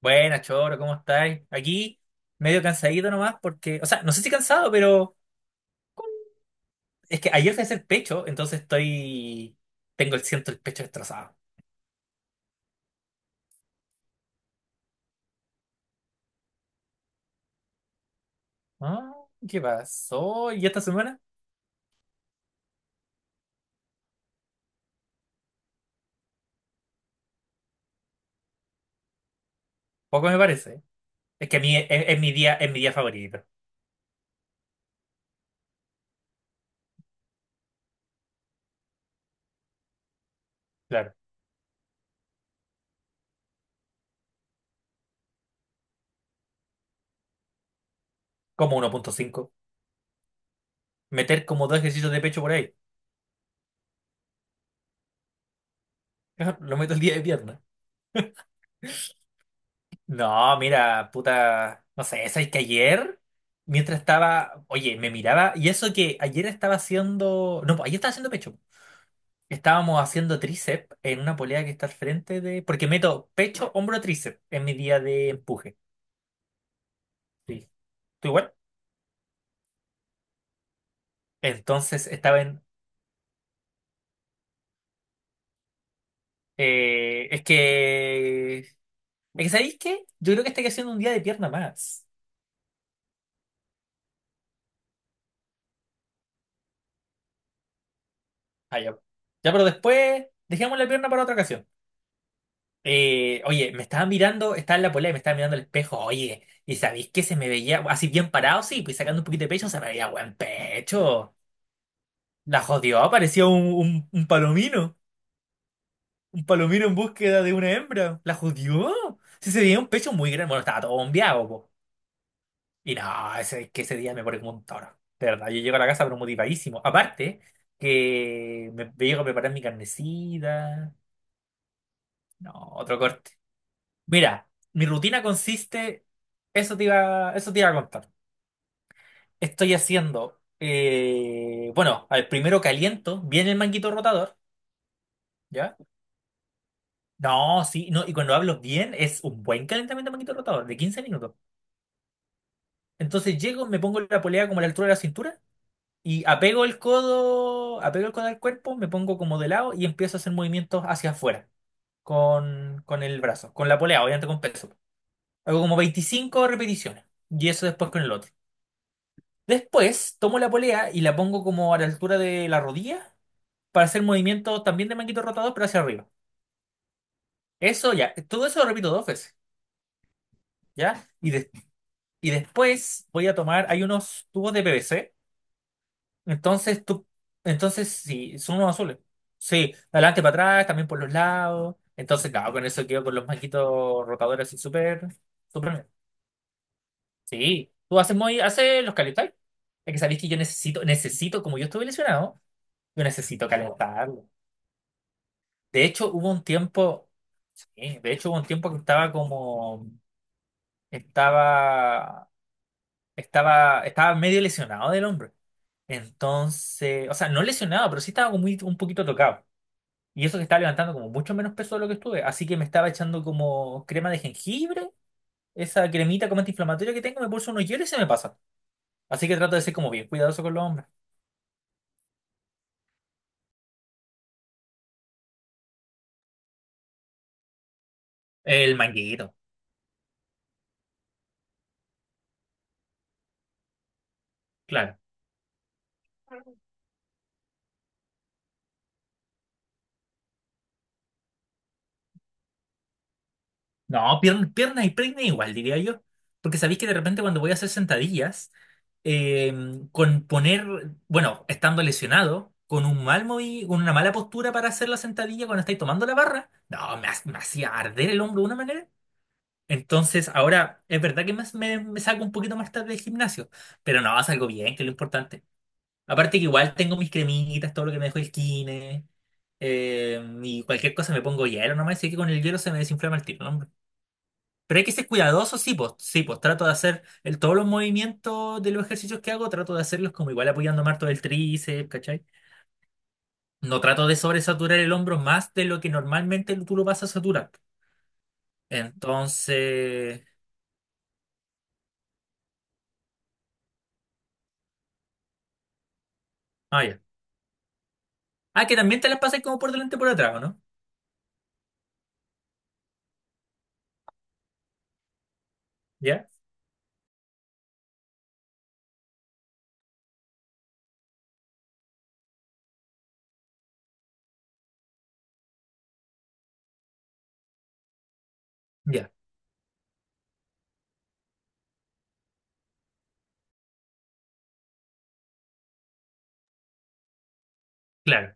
Buenas, Choro, ¿cómo estáis? Aquí, medio cansadito nomás, porque, o sea, no sé si cansado, pero es que ayer fui a hacer pecho, entonces estoy. Tengo el siento el pecho destrozado. Ah, ¿qué pasó? ¿Y esta semana? Poco me parece. Es que a mí es mi día, es mi día favorito. Claro. Como 1,5, meter como dos ejercicios de pecho por ahí. Lo meto el día de pierna. No, mira, puta. No sé, ¿sabes que ayer? Mientras estaba, oye, me miraba, y eso que ayer estaba haciendo, no, pues ayer estaba haciendo pecho. Estábamos haciendo tríceps en una polea que está al frente de... Porque meto pecho, hombro, tríceps en mi día de empuje. Sí. ¿Tú igual? Entonces estaba en... Es que, ¿sabéis qué? Yo creo que estoy haciendo un día de pierna más. Ah, ya. Ya, pero después dejamos la pierna para otra ocasión. Oye, me estaba mirando, estaba en la polea y me estaba mirando el espejo. Oye, ¿y sabéis que se me veía así bien parado? Sí, pues sacando un poquito de pecho, se me veía buen pecho. La jodió, parecía un palomino. Un palomino en búsqueda de una hembra. ¿La jodió? Sí, se veía un pecho muy grande. Bueno, estaba todo bombeado, po. Y no, ese, es que ese día me pone como un toro. De verdad, yo llego a la casa pero motivadísimo. Aparte, que me llego a preparar mi carnecita. No, otro corte. Mira, mi rutina consiste. Eso te iba a contar. Estoy haciendo. Bueno, al primero caliento bien el manguito rotador. ¿Ya? No, sí, no, y cuando hablo bien es un buen calentamiento de manguito rotador, de 15 minutos. Entonces llego, me pongo la polea como a la altura de la cintura y apego el codo al cuerpo, me pongo como de lado y empiezo a hacer movimientos hacia afuera con el brazo, con la polea, obviamente con peso. Hago como 25 repeticiones y eso después con el otro. Después tomo la polea y la pongo como a la altura de la rodilla para hacer movimientos también de manguito rotador, pero hacia arriba. Eso ya, todo eso lo repito dos veces, ¿ya? Y después voy a tomar, hay unos tubos de PVC. Entonces tú, entonces sí, son unos azules. Sí, adelante para atrás, también por los lados. Entonces, claro, con eso quedo con los maquitos rotadores así súper, súper bien. Sí, tú haces muy, haces los calentáis. Es que sabéis que yo necesito, necesito, como yo estuve lesionado, yo necesito calentarlo. De hecho, hubo un tiempo, sí, de hecho hubo un tiempo que estaba como, estaba, estaba, estaba medio lesionado del hombro. Entonces, o sea, no lesionado, pero sí estaba como un poquito tocado. Y eso que estaba levantando como mucho menos peso de lo que estuve. Así que me estaba echando como crema de jengibre, esa cremita como antiinflamatoria que tengo, me pulso unos hielos y se me pasa. Así que trato de ser como bien cuidadoso con los hombres. El manguito, claro. No, piernas pierna y peine igual, diría yo. Porque sabéis que de repente cuando voy a hacer sentadillas, eh, con poner, bueno, estando lesionado, con una mala postura para hacer la sentadilla cuando estáis tomando la barra, no, me hacía arder el hombro de una manera. Entonces, ahora es verdad que más me saco un poquito más tarde del gimnasio, pero no, salgo bien, que es lo importante. Aparte que igual tengo mis cremitas, todo lo que me dejó el kine, y cualquier cosa me pongo hielo nomás, así que con el hielo se me desinflama el tiro, ¿no, hombre? Pero hay que ser cuidadoso, sí, pues trato de hacer el, todos los movimientos de los ejercicios que hago, trato de hacerlos como igual apoyando más todo el tríceps, ¿cachai? No trato de sobresaturar el hombro más de lo que normalmente tú lo vas a saturar. Entonces... Ah, ya. Ah, que también te las pasas como por delante y por atrás, ¿o no? ¿Ya? Ya, claro.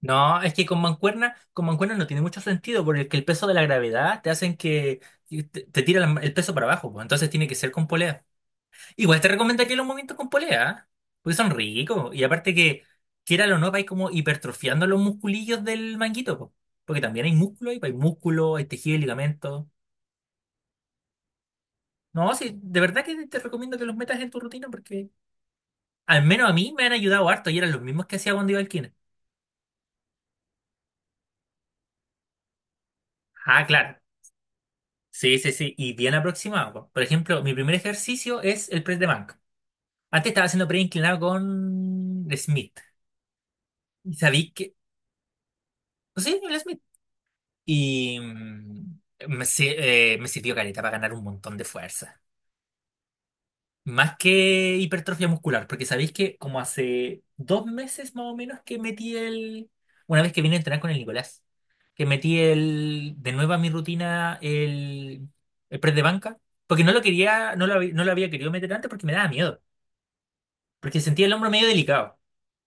No, es que con mancuerna no tiene mucho sentido, porque el peso de la gravedad te hacen que te tira la- el peso para abajo, pues, entonces tiene que ser con polea. Igual te recomendaría los movimientos con polea, ¿ah? Porque son ricos, y aparte que, quiera o no, vais como hipertrofiando los musculillos del manguito, pues, porque también hay músculo, ahí, pues, hay músculo, hay tejido y ligamento. No, sí, de verdad que te recomiendo que los metas en tu rutina, porque al menos a mí me han ayudado harto, y eran los mismos que hacía cuando iba al kine. Ah, claro. Sí, sí, sí. Y bien aproximado. Po. Por ejemplo, mi primer ejercicio es el press de banca. Antes estaba haciendo press inclinado con Smith. Y sabí que. Pues sí, el Smith. Y mm, me, si- me sirvió caleta para ganar un montón de fuerza. Más que hipertrofia muscular, porque sabéis que como hace 2 meses más o menos que metí el... Una vez que vine a entrenar con el Nicolás, que metí el... de nuevo a mi rutina el press de banca, porque no lo había querido meter antes porque me daba miedo, porque sentía el hombro medio delicado,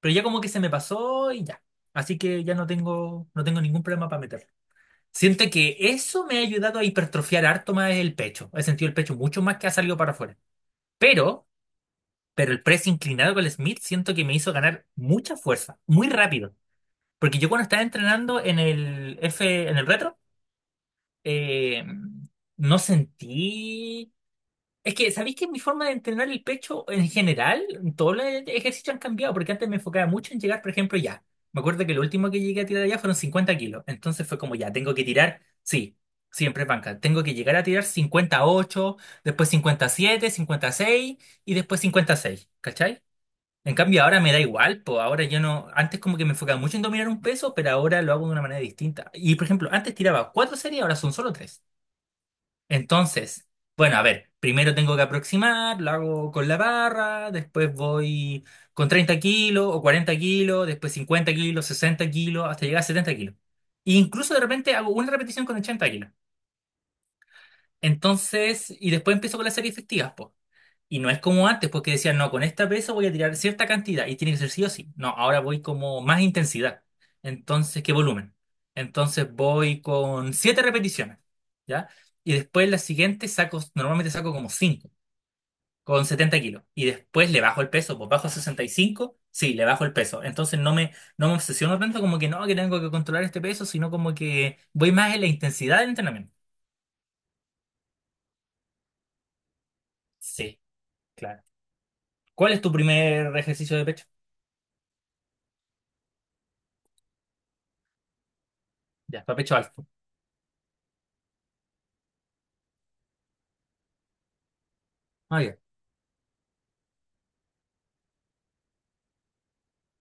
pero ya como que se me pasó y ya. Así que ya no tengo ningún problema para meterlo. Siento que eso me ha ayudado a hipertrofiar harto más el pecho. He sentido el pecho mucho más que ha salido para afuera. Pero... Pero el press inclinado con el Smith siento que me hizo ganar mucha fuerza, muy rápido. Porque yo cuando estaba entrenando en el retro, eh, no sentí... Es que, ¿sabéis que mi forma de entrenar el pecho en general, todos los ejercicios han cambiado? Porque antes me enfocaba mucho en llegar, por ejemplo, ya. Me acuerdo que lo último que llegué a tirar allá fueron 50 kilos. Entonces fue como ya, tengo que tirar, sí, siempre es banca. Tengo que llegar a tirar 58, después 57, 56 y seis y después 56, ¿cachai? En cambio, ahora me da igual, pues ahora yo no, antes como que me enfocaba mucho en dominar un peso, pero ahora lo hago de una manera distinta. Y por ejemplo, antes tiraba 4 series, ahora son solo 3. Entonces, bueno, a ver, primero tengo que aproximar, lo hago con la barra, después voy con 30 kilos o 40 kilos, después 50 kilos, 60 kilos, hasta llegar a 70 kilos. E incluso de repente hago una repetición con 80 kilos. Entonces, y después empiezo con las series efectivas, pues. Y no es como antes, porque decían, no, con esta pesa voy a tirar cierta cantidad y tiene que ser sí o sí. No, ahora voy como más intensidad. Entonces, ¿qué volumen? Entonces voy con 7 repeticiones, ¿ya? Y después la siguiente saco, normalmente saco como cinco, con 70 kilos. Y después le bajo el peso, pues bajo a 65, sí, le bajo el peso. Entonces no me obsesiono tanto como que no, que tengo que controlar este peso, sino como que voy más en la intensidad del entrenamiento. Sí, claro. ¿Cuál es tu primer ejercicio de pecho? Ya, para pecho alto. Ah, ya.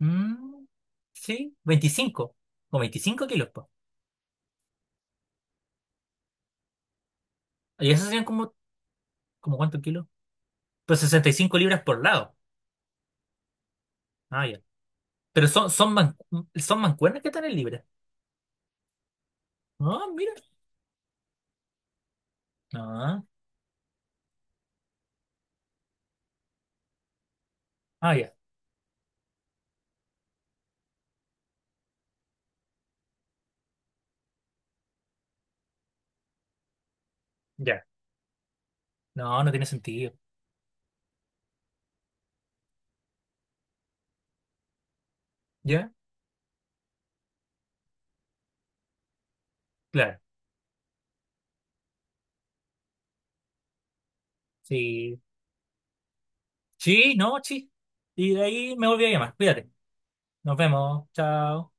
Mm, sí, ¿veinticinco o 25 kilos, po? ¿Y eso serían como, como cuántos kilos? Pues 65 libras por lado. Ah, ya. Pero son mancuernas que están en libras. Ah, mira. Ah, ah, ya. Ya. No, no tiene sentido. ¿Ya? Claro. Sí. Sí, no, sí. Y de ahí me volví a llamar. Cuídate. Nos vemos. Chao.